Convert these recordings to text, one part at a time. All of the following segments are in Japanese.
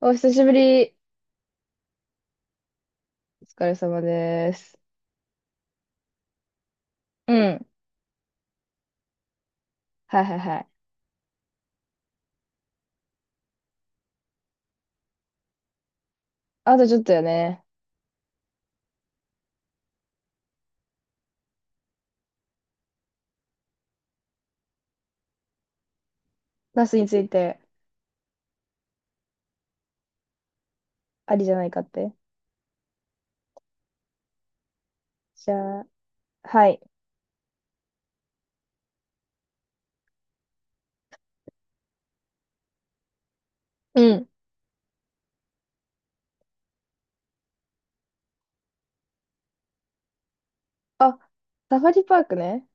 お久しぶり。お疲れ様です。うん。はいはいはい。あとちょっとよね。ナスについてありじゃないかって。じゃあ、はい。うん。あ、サファリパークね。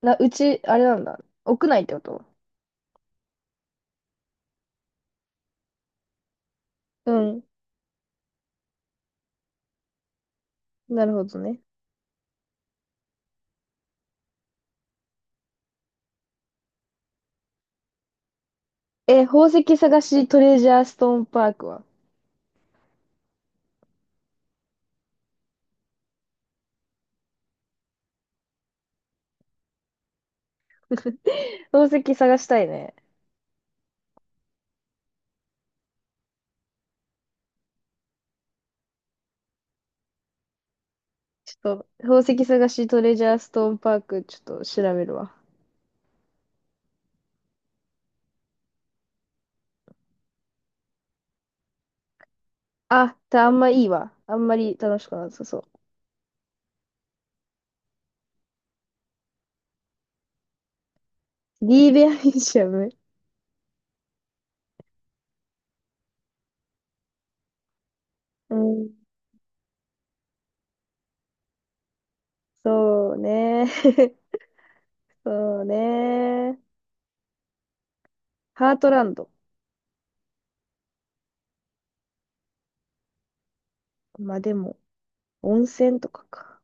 うち、あれなんだ。屋内ってこと？うん。なるほどね。え、宝石探しトレジャーストーンパークは？ 宝石探したいね。ちょっと、宝石探しトレジャーストーンパーク、ちょっと調べるわ。あ、あんまいいわ。あんまり楽しくなさそう。リーベアミュージアム。うん。そうね。そうね。ハートランド。まあでも、温泉とかか。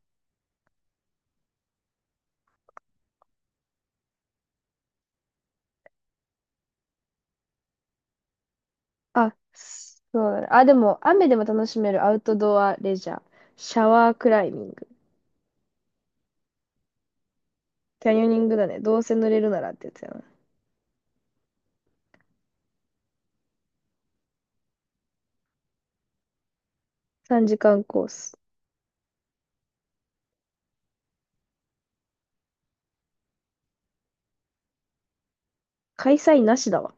あ、そうだね。あ、でも、雨でも楽しめるアウトドアレジャー。シャワークライミング。キャニオニングだね。どうせ濡れるならってやつやな。3時間コース。開催なしだわ。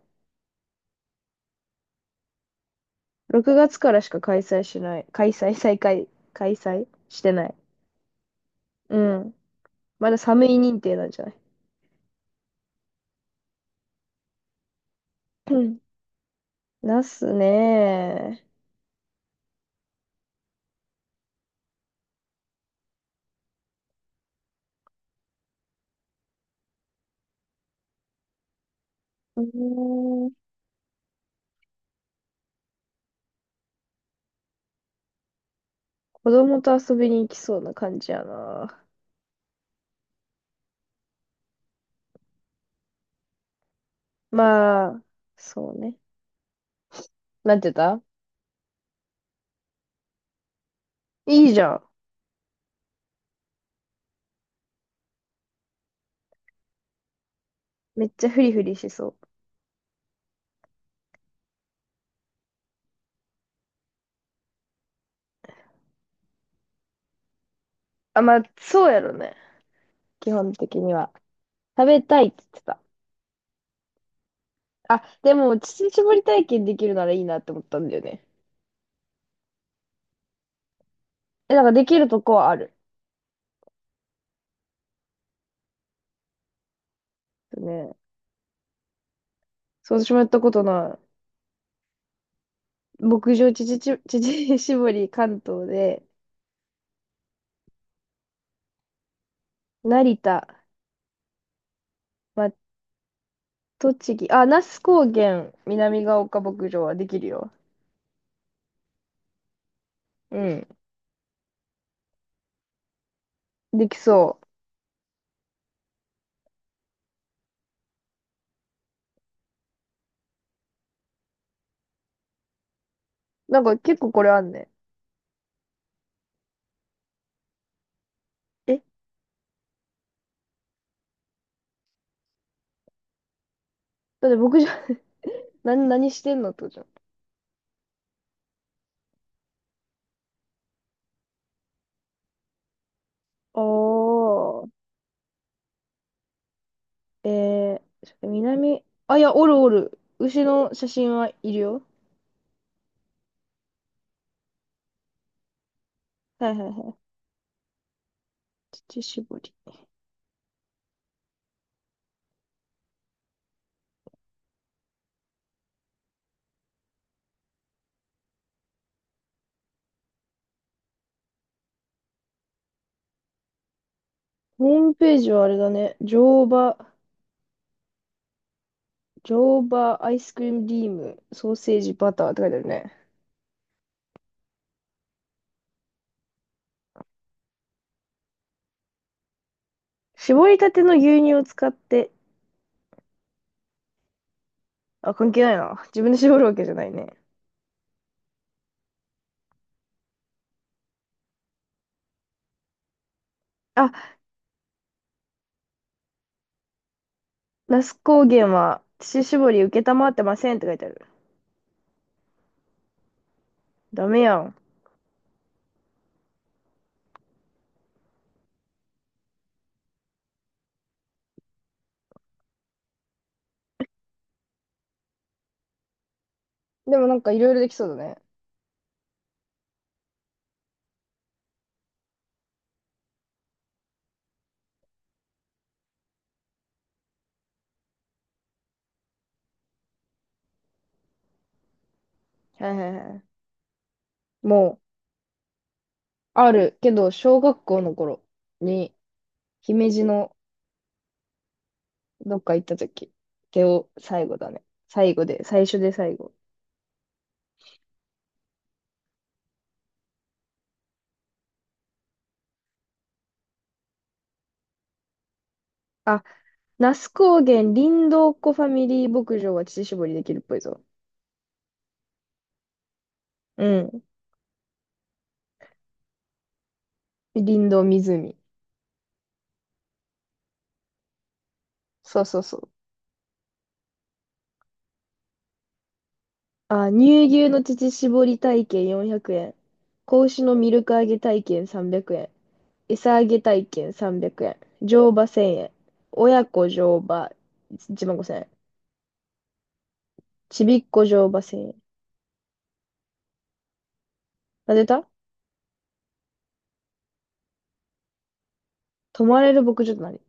6月からしか開催しない。開催してない。うん。まだ寒い認定なんじゃない？うん。ナスね。うーん子供と遊びに行きそうな感じやな。まあ、そうね。なんて言った？いいじゃん。めっちゃフリフリしそう。あ、まあ、そうやろね。基本的には。食べたいって言ってた。あ、でも、乳搾り体験できるならいいなって思ったんだよね。え、なんかできるとこはある？ね。そう、私もやったことない。牧場乳搾り乳搾り関東で、成田、まあ、栃木、あ、那須高原南ヶ丘牧場はできるよ。うん。できそう。なんか結構これあんね。えだって僕じゃ、何してんのってことじゃん。おー。ちょっといや、おるおる。牛の写真はいるよ。はいはいはい。乳搾り。ホームページはあれだね。乗馬アイスクリームリーム、ソーセージ、バターって書いてあるね。絞りたての牛乳を使って、あ、関係ないな。自分で絞るわけじゃないね。あ、那須高原は乳搾り承ってませんって書いてある。ダメやん。でもなんかいろいろできそうだね。はいはいはい。もう、あるけど、小学校の頃に、姫路のどっか行った時、最後だね。最後で、最初で最後。あ、那須高原林道湖ファミリー牧場は乳搾りできるっぽいぞ。うん。林道湖。そうそうそう。あ、乳牛の乳搾り体験400円。子牛のミルク揚げ体験300円。餌揚げ体験300円。乗馬1000円。親子乗馬1万5000円。ちびっこ乗馬制。なぜた泊まれる牧場となり。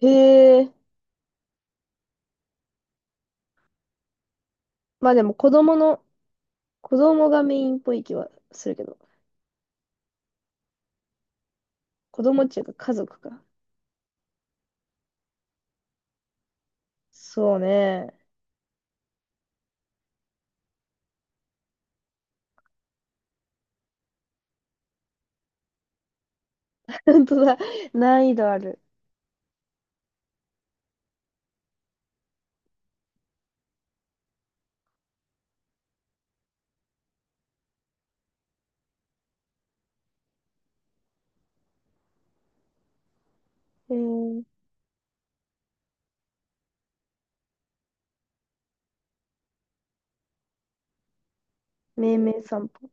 へえ。まあでも子供の、子供がメインっぽい気はするけど。子供っていうか家族か。そうね。本当だ。難易度ある。へえ。命名散歩。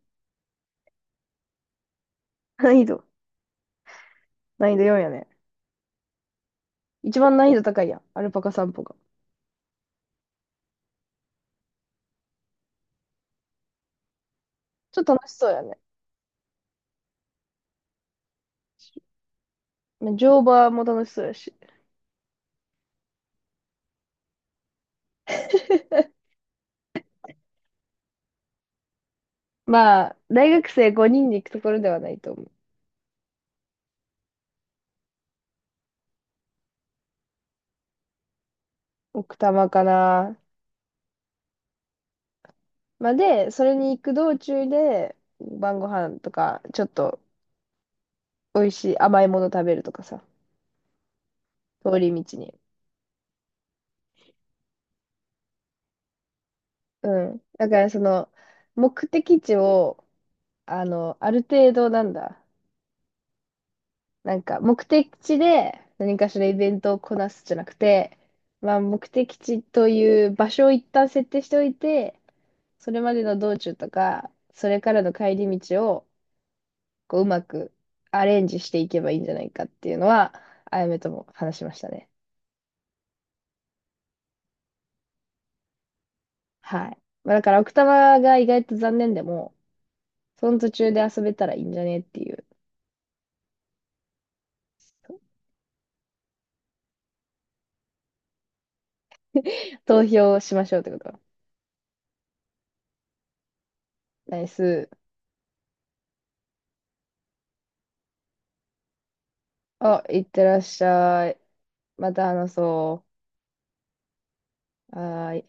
難易度。難易度4やね。一番難易度高いやん。アルパカ散歩が。ちょっと楽しそうやね。乗馬も楽しそうやし。まあ、大学生5人で行くところではないと思う。奥多摩かな。まあ、で、それに行く道中で、晩ご飯とか、ちょっと美味しい甘いもの食べるとかさ、通り道に。うん。だから、目的地を、ある程度なんだ。なんか、目的地で何かしらイベントをこなすじゃなくて、まあ、目的地という場所を一旦設定しておいて、それまでの道中とか、それからの帰り道を、こう、うまくアレンジしていけばいいんじゃないかっていうのは、あやめとも話しましたね。はい。まあ、だから奥多摩が意外と残念でも、その途中で遊べたらいいんじゃねっていう。投票しましょうってこと。ナイス。あ、いってらっしゃい。また話そう。はーい。